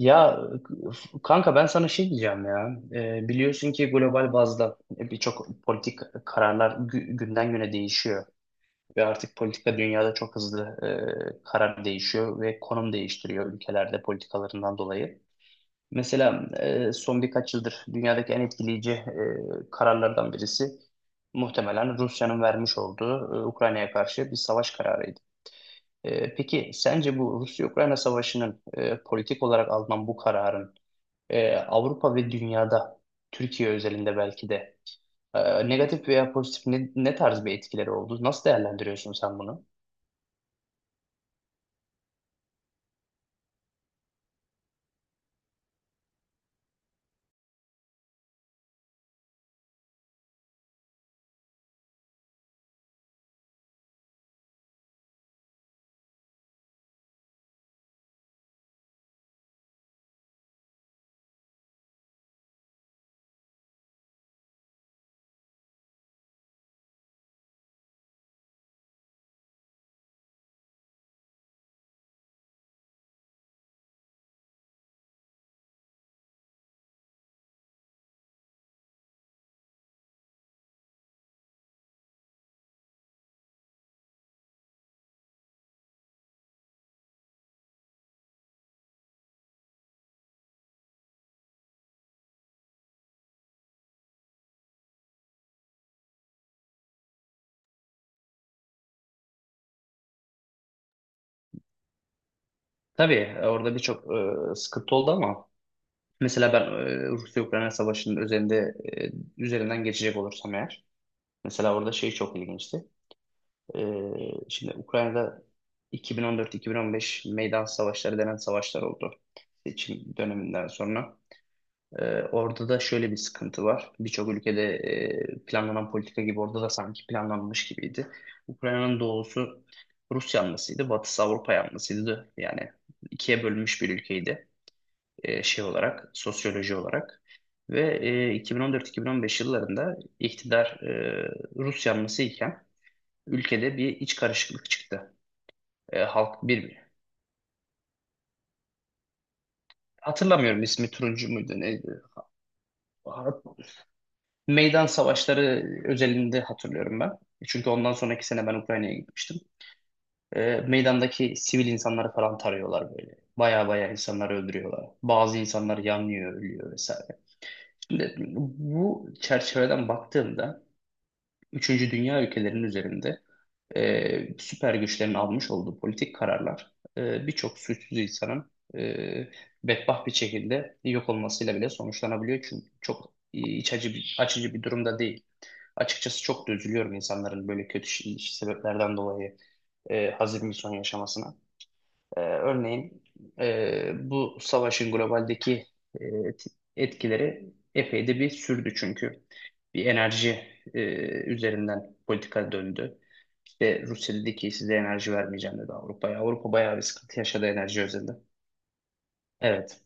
Ya kanka ben sana şey diyeceğim ya. Biliyorsun ki global bazda birçok politik kararlar günden güne değişiyor. Ve artık politika dünyada çok hızlı karar değişiyor ve konum değiştiriyor ülkelerde politikalarından dolayı. Mesela son birkaç yıldır dünyadaki en etkileyici kararlardan birisi muhtemelen Rusya'nın vermiş olduğu Ukrayna'ya karşı bir savaş kararıydı. Peki sence bu Rusya-Ukrayna savaşının politik olarak alınan bu kararın Avrupa ve dünyada, Türkiye özelinde belki de negatif veya pozitif ne tarz bir etkileri oldu? Nasıl değerlendiriyorsun sen bunu? Tabii orada birçok sıkıntı oldu ama mesela ben Rusya-Ukrayna Savaşı'nın üzerinden geçecek olursam eğer mesela orada şey çok ilginçti. E, şimdi Ukrayna'da 2014-2015 meydan savaşları denen savaşlar oldu seçim döneminden sonra. Orada da şöyle bir sıkıntı var. Birçok ülkede planlanan politika gibi orada da sanki planlanmış gibiydi. Ukrayna'nın doğusu Rus yanlısıydı, batısı Avrupa yanlısıydı. Yani ikiye bölünmüş bir ülkeydi şey olarak, sosyoloji olarak. Ve 2014-2015 yıllarında iktidar Rus yanlısı iken ülkede bir iç karışıklık çıktı. E, halk bir, hatırlamıyorum ismi turuncu muydu neydi? Meydan savaşları özelinde hatırlıyorum ben. Çünkü ondan sonraki sene ben Ukrayna'ya gitmiştim. Meydandaki sivil insanları falan tarıyorlar böyle. Baya baya insanları öldürüyorlar. Bazı insanlar yanıyor, ölüyor vesaire. Şimdi bu çerçeveden baktığımda Üçüncü Dünya ülkelerinin üzerinde süper güçlerin almış olduğu politik kararlar birçok suçsuz insanın bedbaht bir şekilde yok olmasıyla bile sonuçlanabiliyor. Çünkü çok iç açıcı bir durumda değil. Açıkçası çok da üzülüyorum insanların böyle kötü sebeplerden dolayı hazin bir son yaşamasına. Örneğin bu savaşın globaldeki e, etkileri epey de bir sürdü çünkü. Bir enerji e, üzerinden politika döndü. İşte Rusya dedi ki size enerji vermeyeceğim dedi Avrupa'ya. Avrupa bayağı bir sıkıntı yaşadı enerji özelinde. Evet.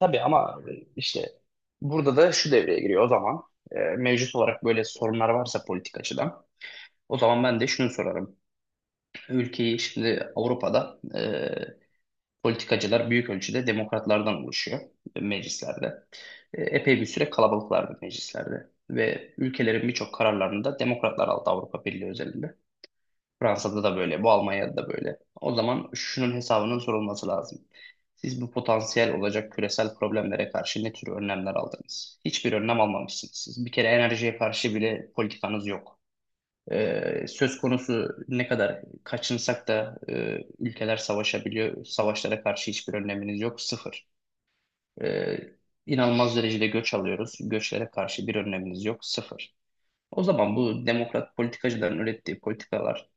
Tabii ama işte burada da şu devreye giriyor o zaman. Mevcut olarak böyle sorunlar varsa politik açıdan. O zaman ben de şunu sorarım. Ülkeyi şimdi Avrupa'da politikacılar büyük ölçüde demokratlardan oluşuyor meclislerde. Epey bir süre kalabalıklardı meclislerde. Ve ülkelerin birçok kararlarını da demokratlar aldı Avrupa Birliği özelinde. Fransa'da da böyle, bu Almanya'da da böyle. O zaman şunun hesabının sorulması lazım. Siz bu potansiyel olacak küresel problemlere karşı ne tür önlemler aldınız? Hiçbir önlem almamışsınız. Siz bir kere enerjiye karşı bile politikanız yok. Söz konusu ne kadar kaçınsak da ülkeler savaşabiliyor. Savaşlara karşı hiçbir önleminiz yok. Sıfır. Ee, inanılmaz derecede göç alıyoruz. Göçlere karşı bir önleminiz yok. Sıfır. O zaman bu demokrat politikacıların ürettiği politikalar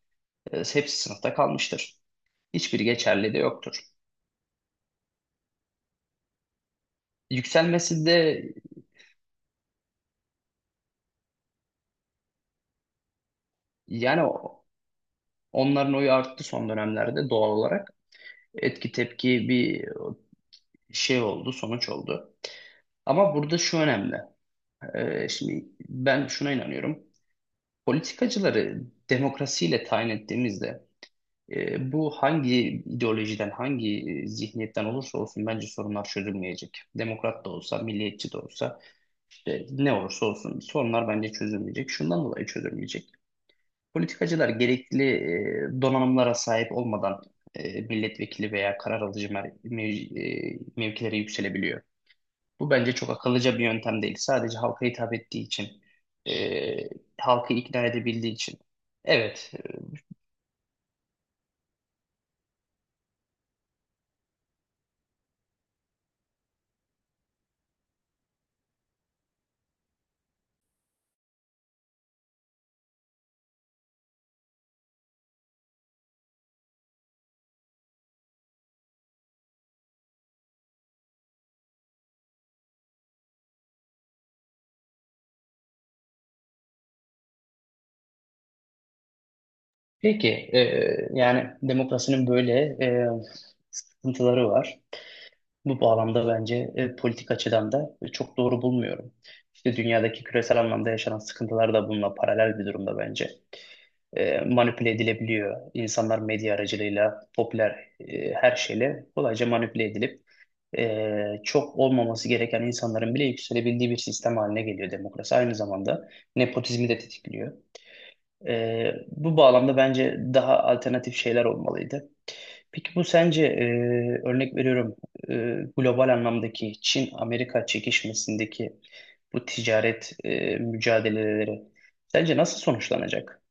hepsi sınıfta kalmıştır. Hiçbiri geçerli de yoktur. Yükselmesi de yani onların oyu arttı son dönemlerde doğal olarak. Etki tepki bir şey oldu, sonuç oldu. Ama burada şu önemli. Şimdi ben şuna inanıyorum. Politikacıları demokrasiyle tayin ettiğimizde bu hangi ideolojiden, hangi zihniyetten olursa olsun bence sorunlar çözülmeyecek. Demokrat da olsa, milliyetçi de olsa, işte ne olursa olsun sorunlar bence çözülmeyecek. Şundan dolayı çözülmeyecek. Politikacılar gerekli donanımlara sahip olmadan milletvekili veya karar alıcı mevkilere yükselebiliyor. Bu bence çok akıllıca bir yöntem değil. Sadece halka hitap ettiği için, e, halkı ikna edebildiği için. Evet. Peki, yani demokrasinin böyle e, sıkıntıları var. Bu bağlamda bence politik açıdan da çok doğru bulmuyorum. İşte dünyadaki küresel anlamda yaşanan sıkıntılar da bununla paralel bir durumda bence. Manipüle edilebiliyor. İnsanlar medya aracılığıyla, popüler her şeyle kolayca manipüle edilip çok olmaması gereken insanların bile yükselebildiği bir sistem haline geliyor demokrasi. Aynı zamanda nepotizmi de tetikliyor. Bu bağlamda bence daha alternatif şeyler olmalıydı. Peki bu sence örnek veriyorum e, global anlamdaki Çin-Amerika çekişmesindeki bu ticaret mücadeleleri sence nasıl sonuçlanacak?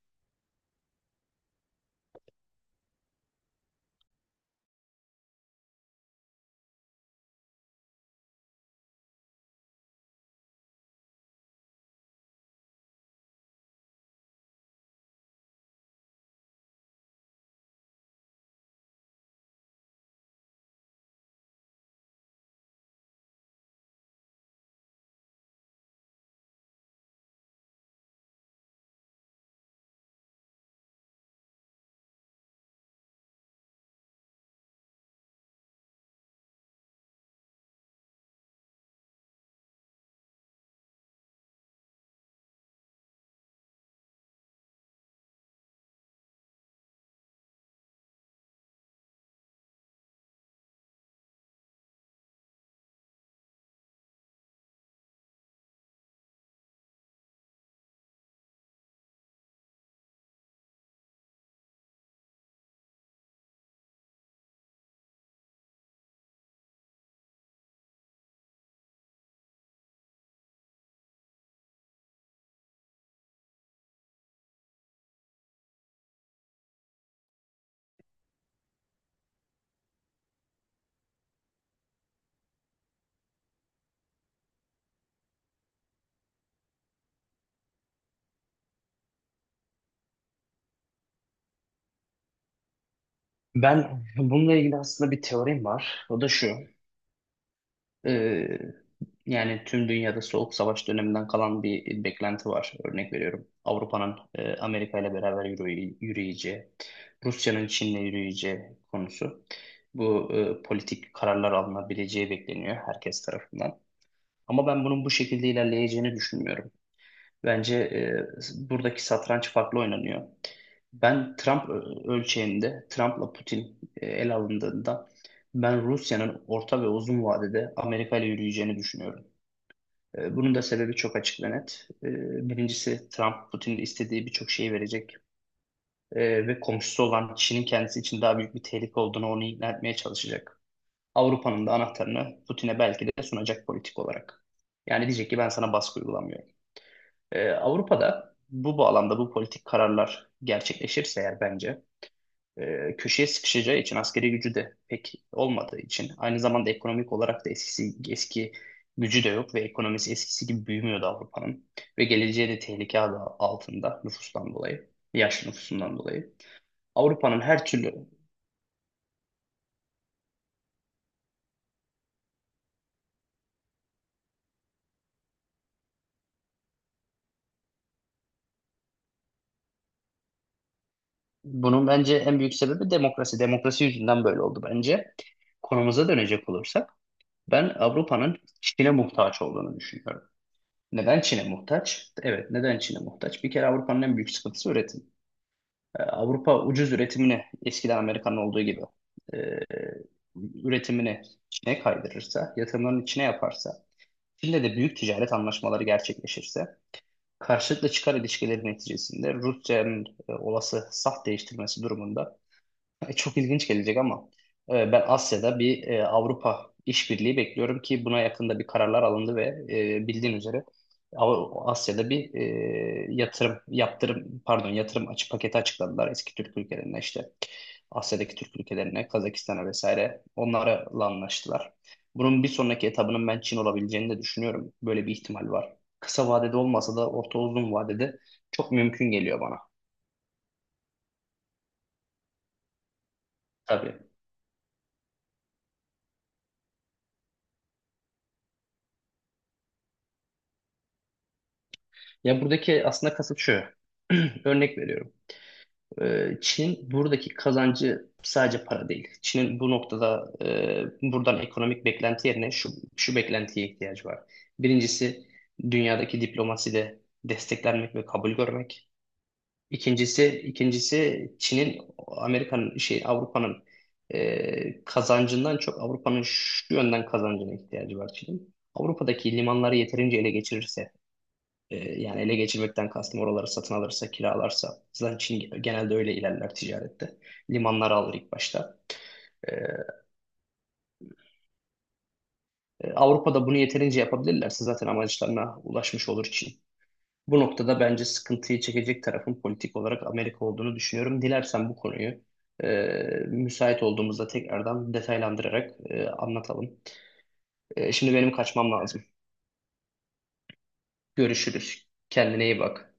Ben bununla ilgili aslında bir teorim var. O da şu. Ee, yani tüm dünyada Soğuk Savaş döneminden kalan bir beklenti var. Örnek veriyorum. Avrupa'nın Amerika ile beraber yürüyeceği, Rusya'nın Çin'le yürüyeceği konusu. Bu politik kararlar alınabileceği bekleniyor herkes tarafından. Ama ben bunun bu şekilde ilerleyeceğini düşünmüyorum. Bence buradaki satranç farklı oynanıyor. Ben Trump ölçeğinde, Trump'la Putin el alındığında ben Rusya'nın orta ve uzun vadede Amerika ile yürüyeceğini düşünüyorum. Bunun da sebebi çok açık ve net. Birincisi Trump, Putin'in istediği birçok şeyi verecek ve komşusu olan Çin'in kendisi için daha büyük bir tehlike olduğunu onu ikna etmeye çalışacak. Avrupa'nın da anahtarını Putin'e belki de sunacak politik olarak. Yani diyecek ki ben sana baskı uygulamıyorum. Avrupa'da bu bağlamda bu politik kararlar gerçekleşirse eğer bence köşeye sıkışacağı için askeri gücü de pek olmadığı için aynı zamanda ekonomik olarak da eski gücü de yok ve ekonomisi eskisi gibi büyümüyordu Avrupa'nın ve geleceği de tehlike adı altında nüfustan dolayı, yaşlı nüfusundan dolayı. Avrupa'nın her türlü Bunun bence en büyük sebebi demokrasi. Demokrasi yüzünden böyle oldu bence. Konumuza dönecek olursak ben Avrupa'nın Çin'e muhtaç olduğunu düşünüyorum. Neden Çin'e muhtaç? Evet, neden Çin'e muhtaç? Bir kere Avrupa'nın en büyük sıkıntısı üretim. Avrupa ucuz üretimini eskiden Amerika'nın olduğu gibi e, üretimini Çin'e kaydırırsa, yatırımlarını Çin'e yaparsa, Çin'le de büyük ticaret anlaşmaları gerçekleşirse, karşılıklı çıkar ilişkileri neticesinde Rusya'nın olası saf değiştirmesi durumunda çok ilginç gelecek ama ben Asya'da bir Avrupa işbirliği bekliyorum ki buna yakında bir kararlar alındı ve bildiğin üzere Asya'da bir yatırım yaptırım pardon yatırım açı paketi açıkladılar eski Türk ülkelerine işte Asya'daki Türk ülkelerine Kazakistan'a vesaire onlarla anlaştılar. Bunun bir sonraki etabının ben Çin olabileceğini de düşünüyorum. Böyle bir ihtimal var. Kısa vadede olmasa da orta uzun vadede çok mümkün geliyor bana. Tabii. Ya buradaki aslında kasıt şu. Örnek veriyorum. Çin buradaki kazancı sadece para değil. Çin'in bu noktada buradan ekonomik beklenti yerine şu beklentiye ihtiyacı var. Birincisi dünyadaki diplomaside desteklenmek ve kabul görmek. İkincisi Çin'in Amerika'nın şey Avrupa'nın kazancından çok Avrupa'nın şu yönden kazancına ihtiyacı var Çin'in. Avrupa'daki limanları yeterince ele geçirirse yani ele geçirmekten kastım oraları satın alırsa, kiralarsa. Zaten Çin genelde öyle ilerler ticarette. Limanları alır ilk başta. Ee, Avrupa'da bunu yeterince yapabilirlerse zaten amaçlarına ulaşmış olur Çin. Bu noktada bence sıkıntıyı çekecek tarafın politik olarak Amerika olduğunu düşünüyorum. Dilersen bu konuyu e, müsait olduğumuzda tekrardan detaylandırarak anlatalım. Şimdi benim kaçmam lazım. Görüşürüz. Kendine iyi bak.